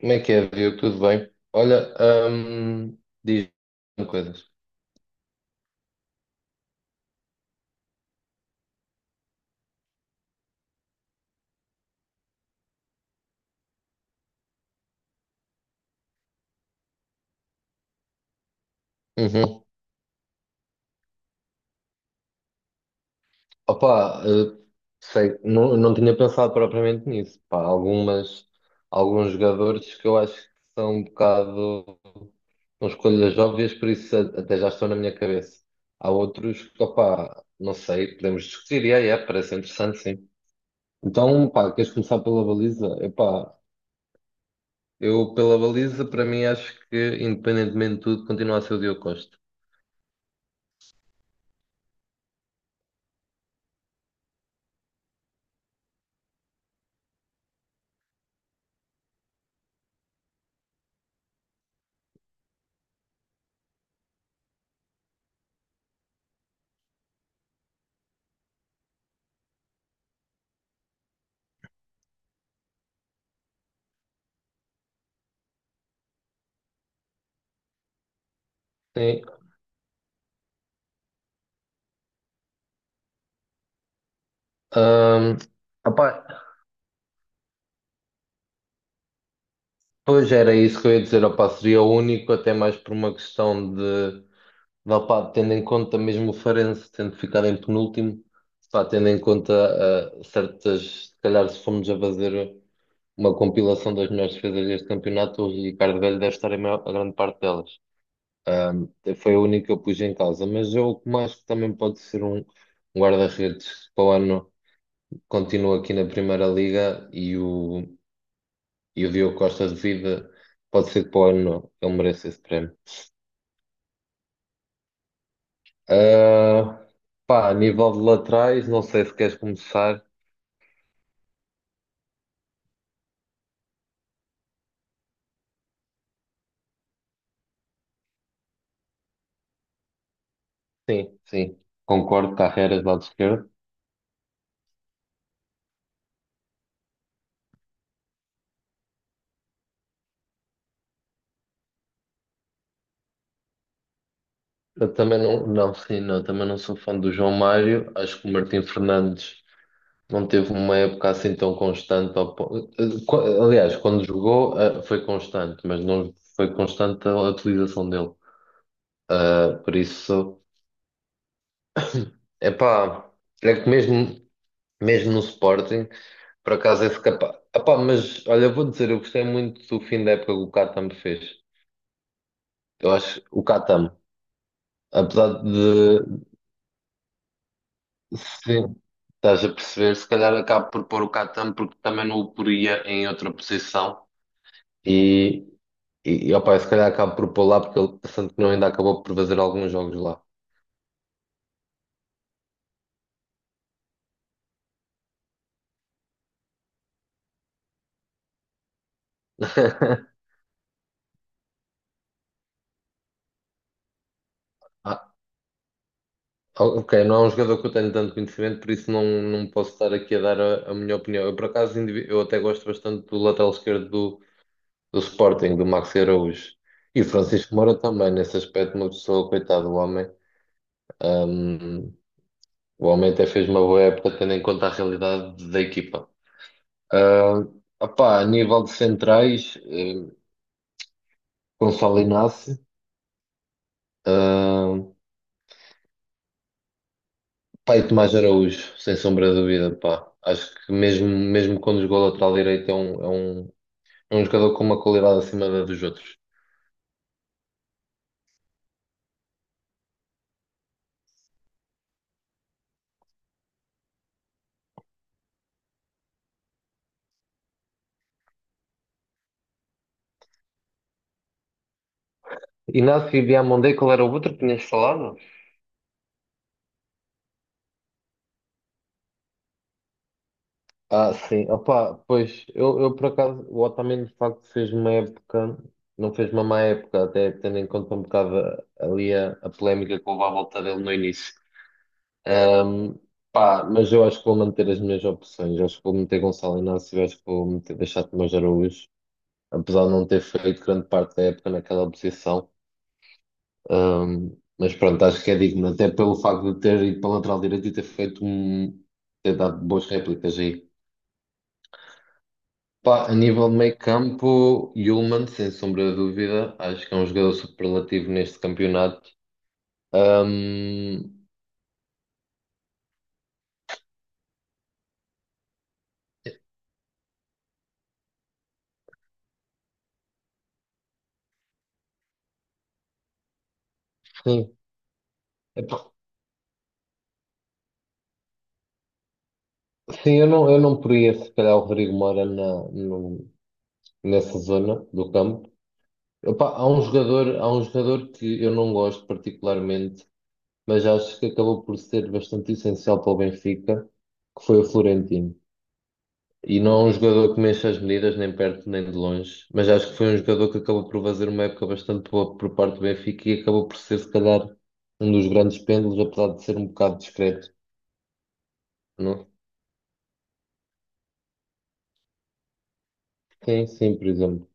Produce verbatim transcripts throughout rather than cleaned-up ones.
Como é que é, viu? Tudo bem? Olha, hum, diz coisas. Uhum. Opa, eh, sei, não, não tinha pensado propriamente nisso. Pá, algumas, alguns jogadores que eu acho que são um bocado são escolhas óbvias, por isso a- até já estão na minha cabeça. Há outros que, opá, não sei, podemos discutir. E aí, é, parece interessante, sim. Então, pá, queres começar pela baliza? Epá, eu pela baliza, para mim, acho que, independentemente de tudo, continua a ser o Diogo Costa. Sim. Ahm, opá, pois era isso que eu ia dizer, opá, seria o único, até mais por uma questão de, de opá, tendo em conta mesmo o Farense tendo ficado em penúltimo, pá, tendo em conta ah, certas, se calhar se formos a fazer uma compilação das melhores defesas deste campeonato, o Ricardo Velho deve estar em maior- a grande parte delas. Ahm, Foi a única que eu pus em causa, mas eu como acho que também pode ser um um guarda-redes que para o ano continua aqui na Primeira Liga e o E o Diogo Costa de vida, pode ser que para o ano ele mereça esse prémio. Ah, pá, a nível de laterais, não sei se queres começar. Sim, sim, concordo, Carreiras, lado esquerdo. Eu também não, não, sim, não, também não sou fã do João Mário. Acho que o Martim Fernandes não teve uma época assim tão constante. Ao po- eh, qu- Aliás, quando jogou, eh, foi constante, mas não foi constante a utilização dele. Ah, por isso, é pá, é que mesmo. mesmo no Sporting, por acaso esse capaz. Epá, mas olha, vou dizer, eu gostei muito do fim da época que o Catam fez. Eu acho o Catam, apesar de se estás a perceber, se calhar acabo por pôr o Catam porque também não o poria em outra posição e, e opa, se calhar acabo por pôr lá porque ele, tanto que não ainda acabou por fazer alguns jogos lá. Ok, não é um jogador que eu tenho tanto conhecimento, por isso não, não posso estar aqui a dar a, a minha opinião. Eu, por acaso, indivi- eu até gosto bastante do lateral esquerdo do, do Sporting, do Maxi Araújo. E Francisco Moura também, nesse aspecto, uma pessoa, coitado do homem. Ahm, o homem até fez uma boa época, tendo em conta a realidade da equipa. Ah, opá, a nível de centrais, eh, Gonçalo Inácio, ah, pá, e Tomás Araújo, sem sombra de dúvida, pá. Acho que mesmo, mesmo quando jogou lateral direito é um, é um É um jogador com uma qualidade acima da dos outros. Inácio Diamandé, qual era o outro que tinhas falado? Ah, sim. Opa, pois, eu, eu por acaso, o Otamendi de facto fez uma época, não fez uma má época, até tendo em conta um bocado a- ali a, a polémica que houve à volta dele no início. Ahm, pá, mas eu acho que vou manter as minhas opções. Acho que vou meter Gonçalo Inácio, acho que vou meter, deixar Tomás Araújo, apesar de não ter feito grande parte da época naquela posição. Um, mas pronto, acho que é digno, até pelo facto de ter ido para a lateral direita e ter feito um, ter dado boas réplicas aí. Pá, a nível de meio campo, Yulman, sem sombra de dúvida, acho que é um jogador superlativo neste campeonato. Um, sim, É por- sim, eu não, eu não poria se calhar o Rodrigo Moura na, no- nessa zona do campo. Epá, há um jogador, há um jogador que eu não gosto particularmente, mas acho que acabou por ser bastante essencial para o Benfica, que foi o Florentino. E não é um jogador que mexa as medidas, nem perto nem de longe, mas acho que foi um jogador que acabou por fazer uma época bastante boa por parte do Benfica e acabou por ser, se calhar, um dos grandes pêndulos, apesar de ser um bocado discreto, não? Sim, sim, por exemplo.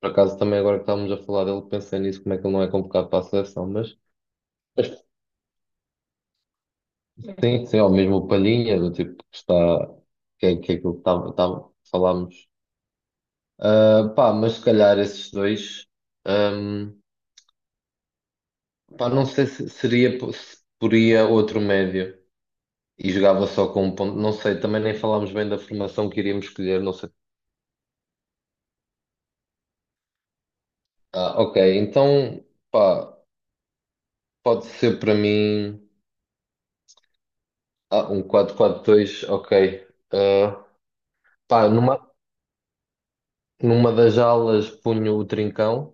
Por acaso, também agora que estávamos a falar dele, pensei nisso, como é que ele não é convocado para a seleção, mas, mas sim, sim, ao mesmo o Palhinha, do tipo que está, que é, que é aquilo que estava, estava- falámos. Ah, pá, mas se calhar esses dois. ahm, pá, não sei se seria po- se poria outro médio e jogava só com um ponto. Não sei, também nem falámos bem da formação que iríamos escolher, não sei. Ah, ok, então, pá, pode ser para mim ah, um quatro quatro dois ok. Ah, pá, numa, numa das alas punho o Trincão,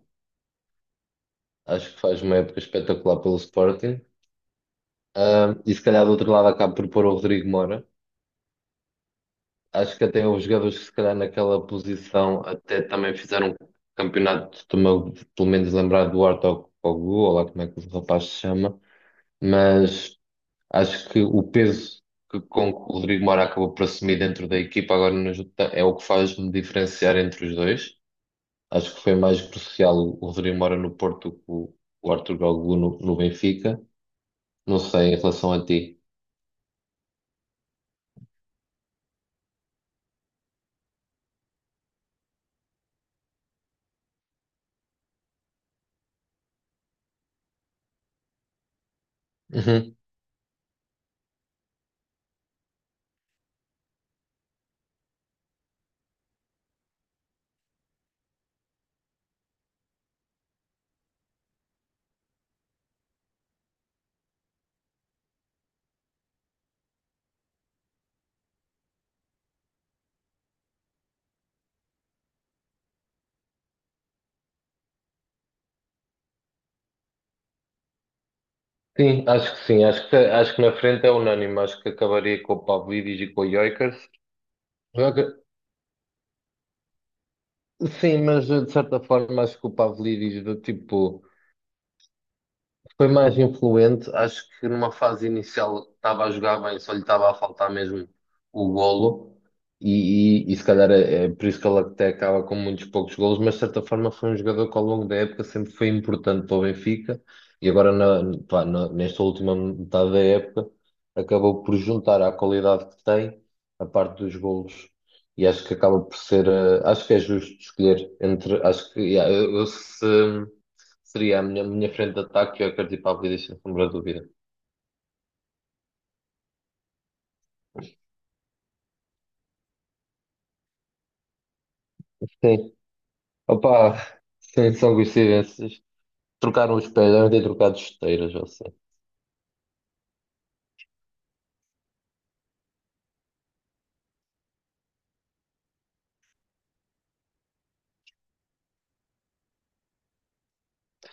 acho que faz uma época espetacular pelo Sporting. Ah, e se calhar do outro lado acabo por pôr o Rodrigo Mora. Acho que até os jogadores que se calhar naquela posição até também fizeram um campeonato, estou-me a- pelo menos lembrar do Arthur Kogu, ou lá como é que o rapaz se chama, mas acho que o peso que, com que o Rodrigo Moura acabou por assumir dentro da equipa agora no Jota é o que faz-me diferenciar entre os dois. Acho que foi mais crucial o, o Rodrigo Moura no Porto que o, o Arthur Gogu no, no Benfica. Não sei, em relação a ti. Sim, acho que sim. Acho que, acho que na frente é unânime. Acho que acabaria com o Pavlidis e com o Gyökeres. Joga- Sim, mas de certa forma acho que o Pavlidis do tipo. Foi mais influente, acho que numa fase inicial estava a jogar bem, só lhe estava a faltar mesmo o golo, e, e, e se calhar é, é por isso que ele até acaba com muitos poucos golos, mas de certa forma foi um jogador que ao longo da época sempre foi importante para o Benfica, e agora na, pá, na- nesta última metade da época acabou por juntar à qualidade que tem a parte dos golos, e acho que acaba por ser, eh, acho que é justo escolher entre, acho que, yeah. eu eu se Seria a minha, minha frente de ataque, eu acredito para a vida, sem sombra de dúvida. Sim, opá, sim, são coincidências. Trocaram os pés, devem ter trocado esteiras, ou assim.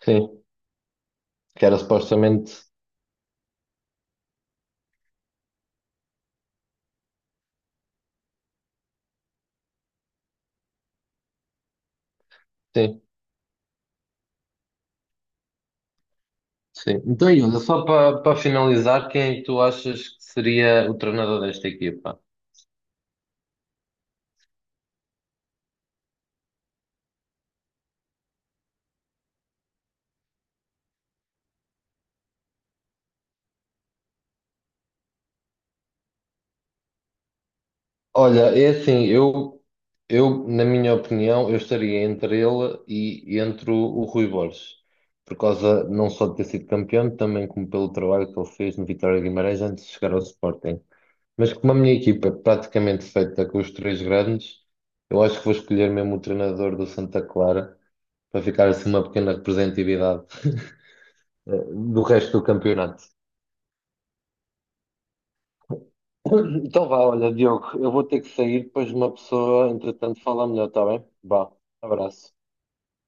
Sim, que era supostamente. Sim, sim. Então, Yuna, só para para finalizar, quem é que tu achas que seria o treinador desta equipa? Olha, é assim, eu, eu, na minha opinião, eu estaria entre ele e entre o, o Rui Borges, por causa não só de ter sido campeão, também como pelo trabalho que ele fez no Vitória de Guimarães antes de chegar ao Sporting. Mas como a minha equipa é praticamente feita com os três grandes, eu acho que vou escolher mesmo o treinador do Santa Clara para ficar assim uma pequena representatividade eh, do resto do campeonato. Então vá, olha, Diogo, eu vou ter que sair, depois uma pessoa, entretanto, fala melhor, está bem? Vá, abraço.